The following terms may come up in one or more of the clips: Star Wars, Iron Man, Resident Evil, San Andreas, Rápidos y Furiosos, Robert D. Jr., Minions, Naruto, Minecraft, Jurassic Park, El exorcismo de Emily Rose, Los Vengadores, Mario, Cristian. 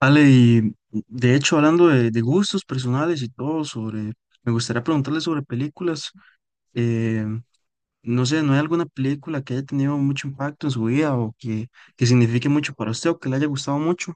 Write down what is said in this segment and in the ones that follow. Ale, y de hecho, hablando de gustos personales y todo, sobre, me gustaría preguntarle sobre películas. eh, no sé, ¿no hay alguna película que haya tenido mucho impacto en su vida que signifique mucho para usted o que le haya gustado mucho?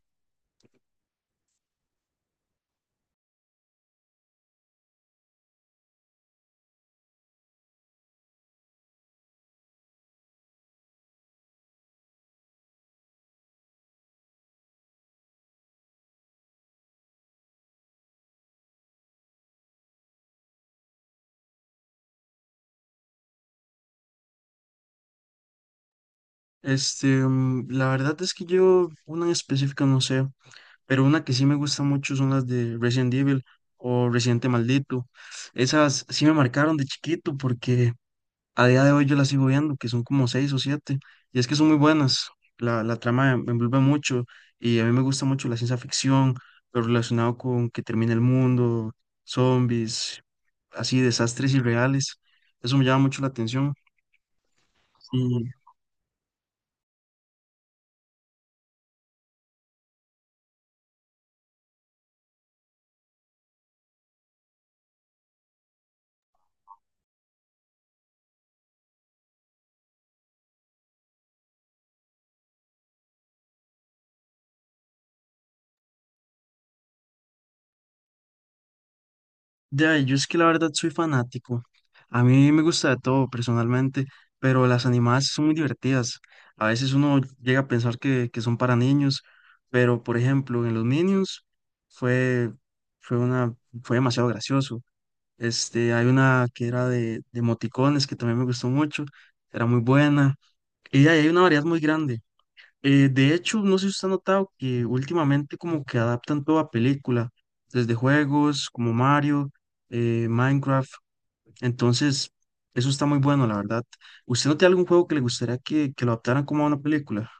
La verdad es que yo, una en específico no sé, pero una que sí me gusta mucho son las de Resident Evil o Residente Maldito. Esas sí me marcaron de chiquito porque a día de hoy yo las sigo viendo, que son como seis o siete, y es que son muy buenas. La trama me envuelve mucho y a mí me gusta mucho la ciencia ficción, lo relacionado con que termina el mundo, zombies, así desastres irreales. Eso me llama mucho la atención. Ya, yo es que la verdad soy fanático. A mí me gusta de todo personalmente, pero las animadas son muy divertidas. A veces uno llega a pensar que son para niños, pero por ejemplo, en los Minions fue, fue una, fue demasiado gracioso. Este, hay una que era de emoticones que también me gustó mucho, era muy buena. Y ahí hay una variedad muy grande. De hecho, no sé si usted ha notado que últimamente como que adaptan todo a película, desde juegos como Mario, Minecraft, entonces eso está muy bueno, la verdad. ¿Usted no tiene algún juego que le gustaría que lo adaptaran como a una película?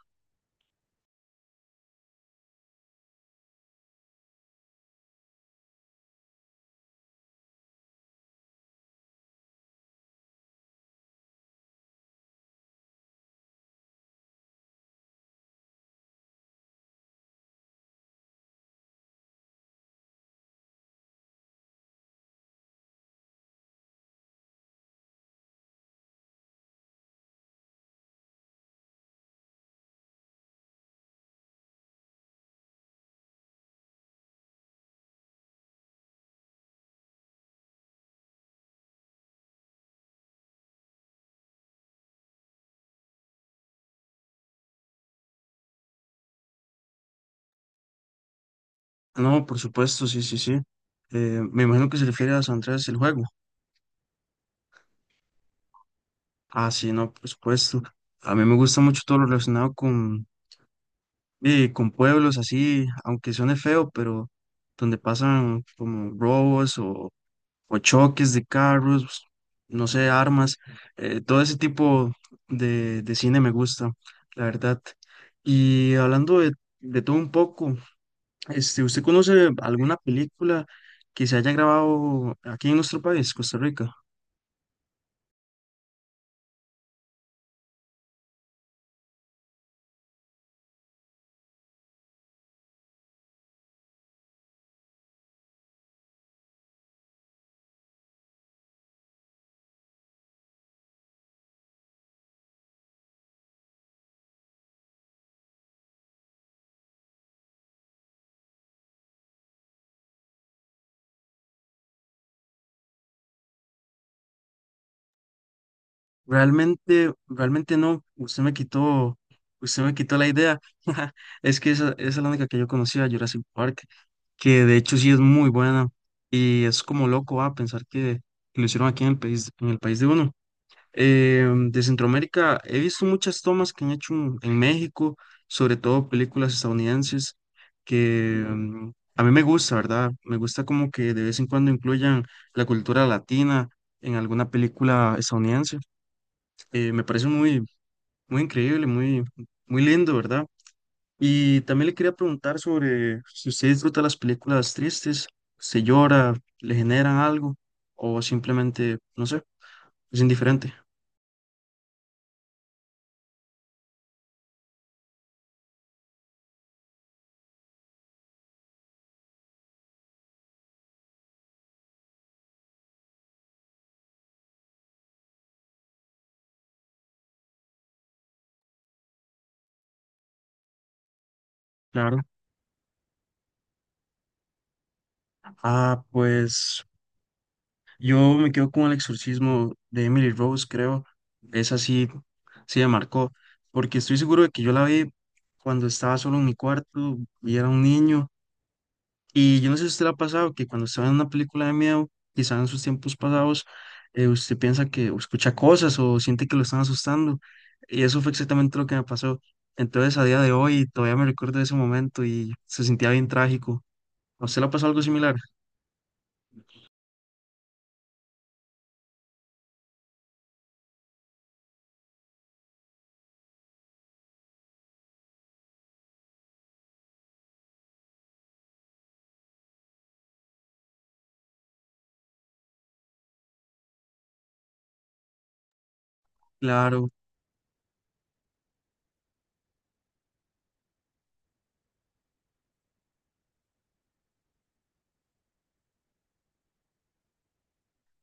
No, por supuesto, sí, sí, sí. Me imagino que se refiere a San Andreas el juego. Ah, sí, no, por supuesto. A mí me gusta mucho todo lo relacionado con pueblos así, aunque suene feo, pero donde pasan como robos o choques de carros, pues, no sé, armas, todo ese tipo de cine me gusta, la verdad. Y hablando de todo un poco, este, ¿usted conoce alguna película que se haya grabado aquí en nuestro país, Costa Rica? Realmente no. Usted me quitó la idea. Es que esa es la única que yo conocía, Jurassic Park, que de hecho sí es muy buena. Y es como loco, a pensar que lo hicieron aquí en el país de uno. De Centroamérica he visto muchas tomas que han hecho en México, sobre todo películas estadounidenses, que a mí me gusta, ¿verdad? Me gusta como que de vez en cuando incluyan la cultura latina en alguna película estadounidense. Me parece muy increíble, muy lindo, ¿verdad? Y también le quería preguntar sobre si usted disfruta las películas tristes, se llora, le generan algo o simplemente, no sé, es indiferente. Claro. Ah, pues yo me quedo con El exorcismo de Emily Rose, creo. Esa sí, sí me marcó, porque estoy seguro de que yo la vi cuando estaba solo en mi cuarto y era un niño. Y yo no sé si a usted le ha pasado que cuando está en una película de miedo, quizá en sus tiempos pasados, usted piensa que o escucha cosas o siente que lo están asustando. Y eso fue exactamente lo que me pasó. Entonces, a día de hoy, todavía me recuerdo de ese momento y se sentía bien trágico. ¿A usted le ha pasado algo similar? Claro.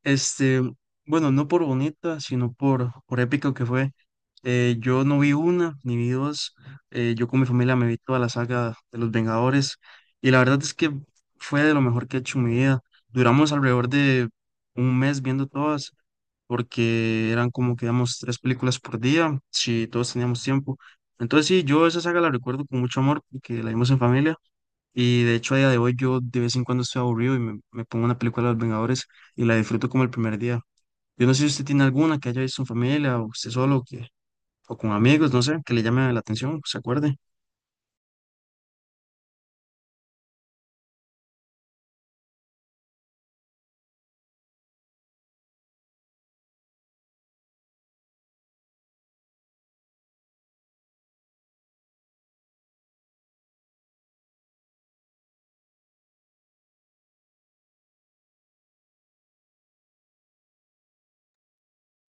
Este, bueno, no por bonita, sino por épico que fue. Yo no vi una, ni vi dos. Yo con mi familia me vi toda la saga de Los Vengadores. Y la verdad es que fue de lo mejor que he hecho en mi vida. Duramos alrededor de un mes viendo todas, porque eran como que digamos tres películas por día, si todos teníamos tiempo. Entonces sí, yo esa saga la recuerdo con mucho amor, porque la vimos en familia. Y de hecho, a día de hoy yo de vez en cuando estoy aburrido me pongo una película de Los Vengadores y la disfruto como el primer día. Yo no sé si usted tiene alguna que haya visto en familia o usted solo o con amigos, no sé, que le llame la atención, se acuerde.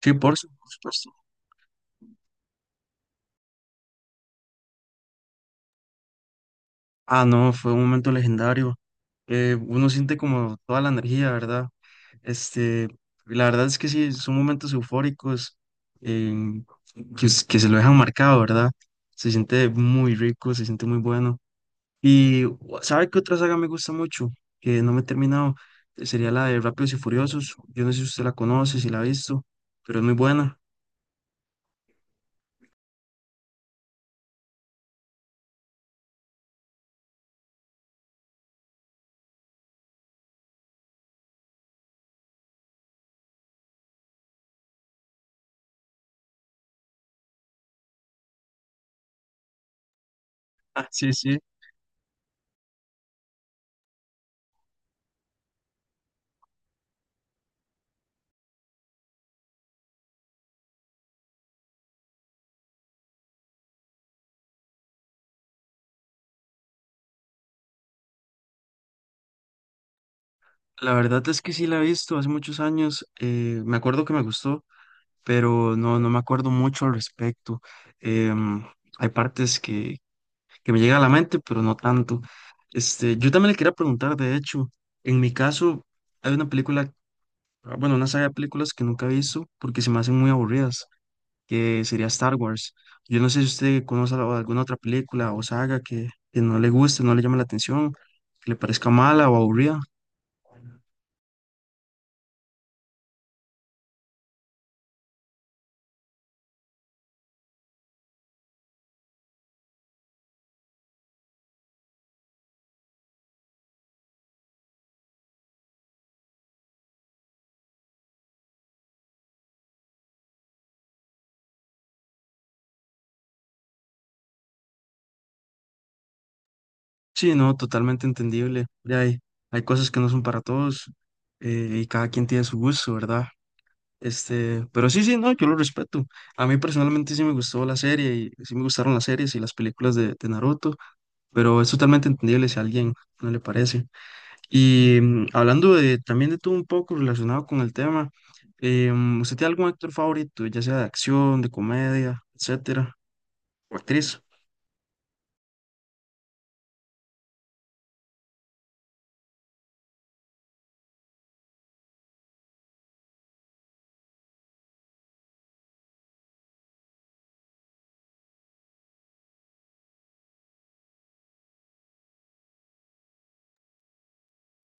Sí, por supuesto. Ah, no, fue un momento legendario. Uno siente como toda la energía, ¿verdad? Este, la verdad es que sí, son momentos eufóricos eh, que se lo dejan marcado, ¿verdad? Se siente muy rico, se siente muy bueno. Y ¿sabe qué otra saga me gusta mucho? Que no me he terminado. Sería la de Rápidos y Furiosos. Yo no sé si usted la conoce, si la ha visto, pero es muy buena. Ah, sí, sí. La verdad es que sí la he visto hace muchos años. Me acuerdo que me gustó, pero no me acuerdo mucho al respecto. Em, Hay partes que me llegan a la mente, pero no tanto. Este, yo también le quería preguntar, de hecho, en mi caso, hay una película, ah, bueno, una saga de películas que nunca he visto porque se me hacen muy aburridas, que sería Star Wars. Yo no sé si usted conoce alguna otra película o saga que no le guste, no le llame la atención, que le parezca mala o aburrida. Sí, no, totalmente entendible. Hay cosas que no son para todos y cada quien tiene su gusto, ¿verdad? Este, pero sí, sí, no, yo lo respeto. A mí personalmente sí me gustó la serie y sí me gustaron las series y las películas de Naruto, pero es totalmente entendible si a alguien no le parece. Y hablando de, también de todo un poco relacionado con el tema, ¿usted tiene algún actor favorito, ya sea de acción, de comedia, etcétera, o actriz?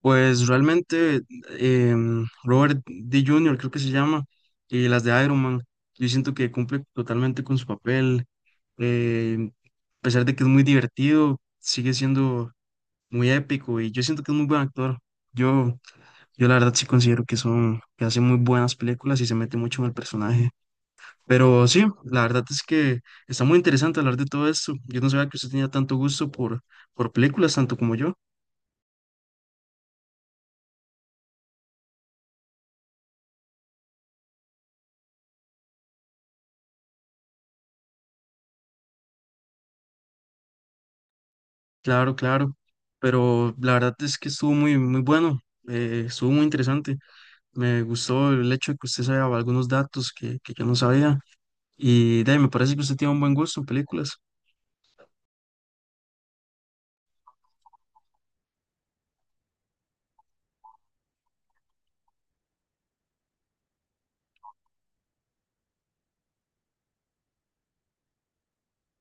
Pues realmente Robert D. Jr., creo que se llama, y las de Iron Man, yo siento que cumple totalmente con su papel, eh, a pesar de que es muy divertido, sigue siendo muy épico y yo siento que es muy buen actor. Yo, yo la verdad sí considero que son, que hace muy buenas películas y se mete mucho en el personaje. Pero sí, la verdad es que está muy interesante hablar de todo esto. Yo no sabía que usted tenía tanto gusto por películas, tanto como yo. Claro, claro. Pero la verdad es que estuvo muy bueno. Estuvo muy interesante. Me gustó el hecho de que usted sabía algunos datos que yo no sabía. Y de ahí, me parece que usted tiene un buen gusto en películas.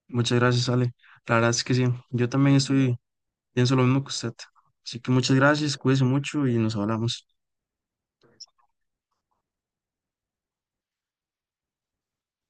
Muchas gracias, Ale. La verdad es que sí. Yo también estoy, pienso lo mismo que usted. Así que muchas gracias, cuídese mucho y nos hablamos.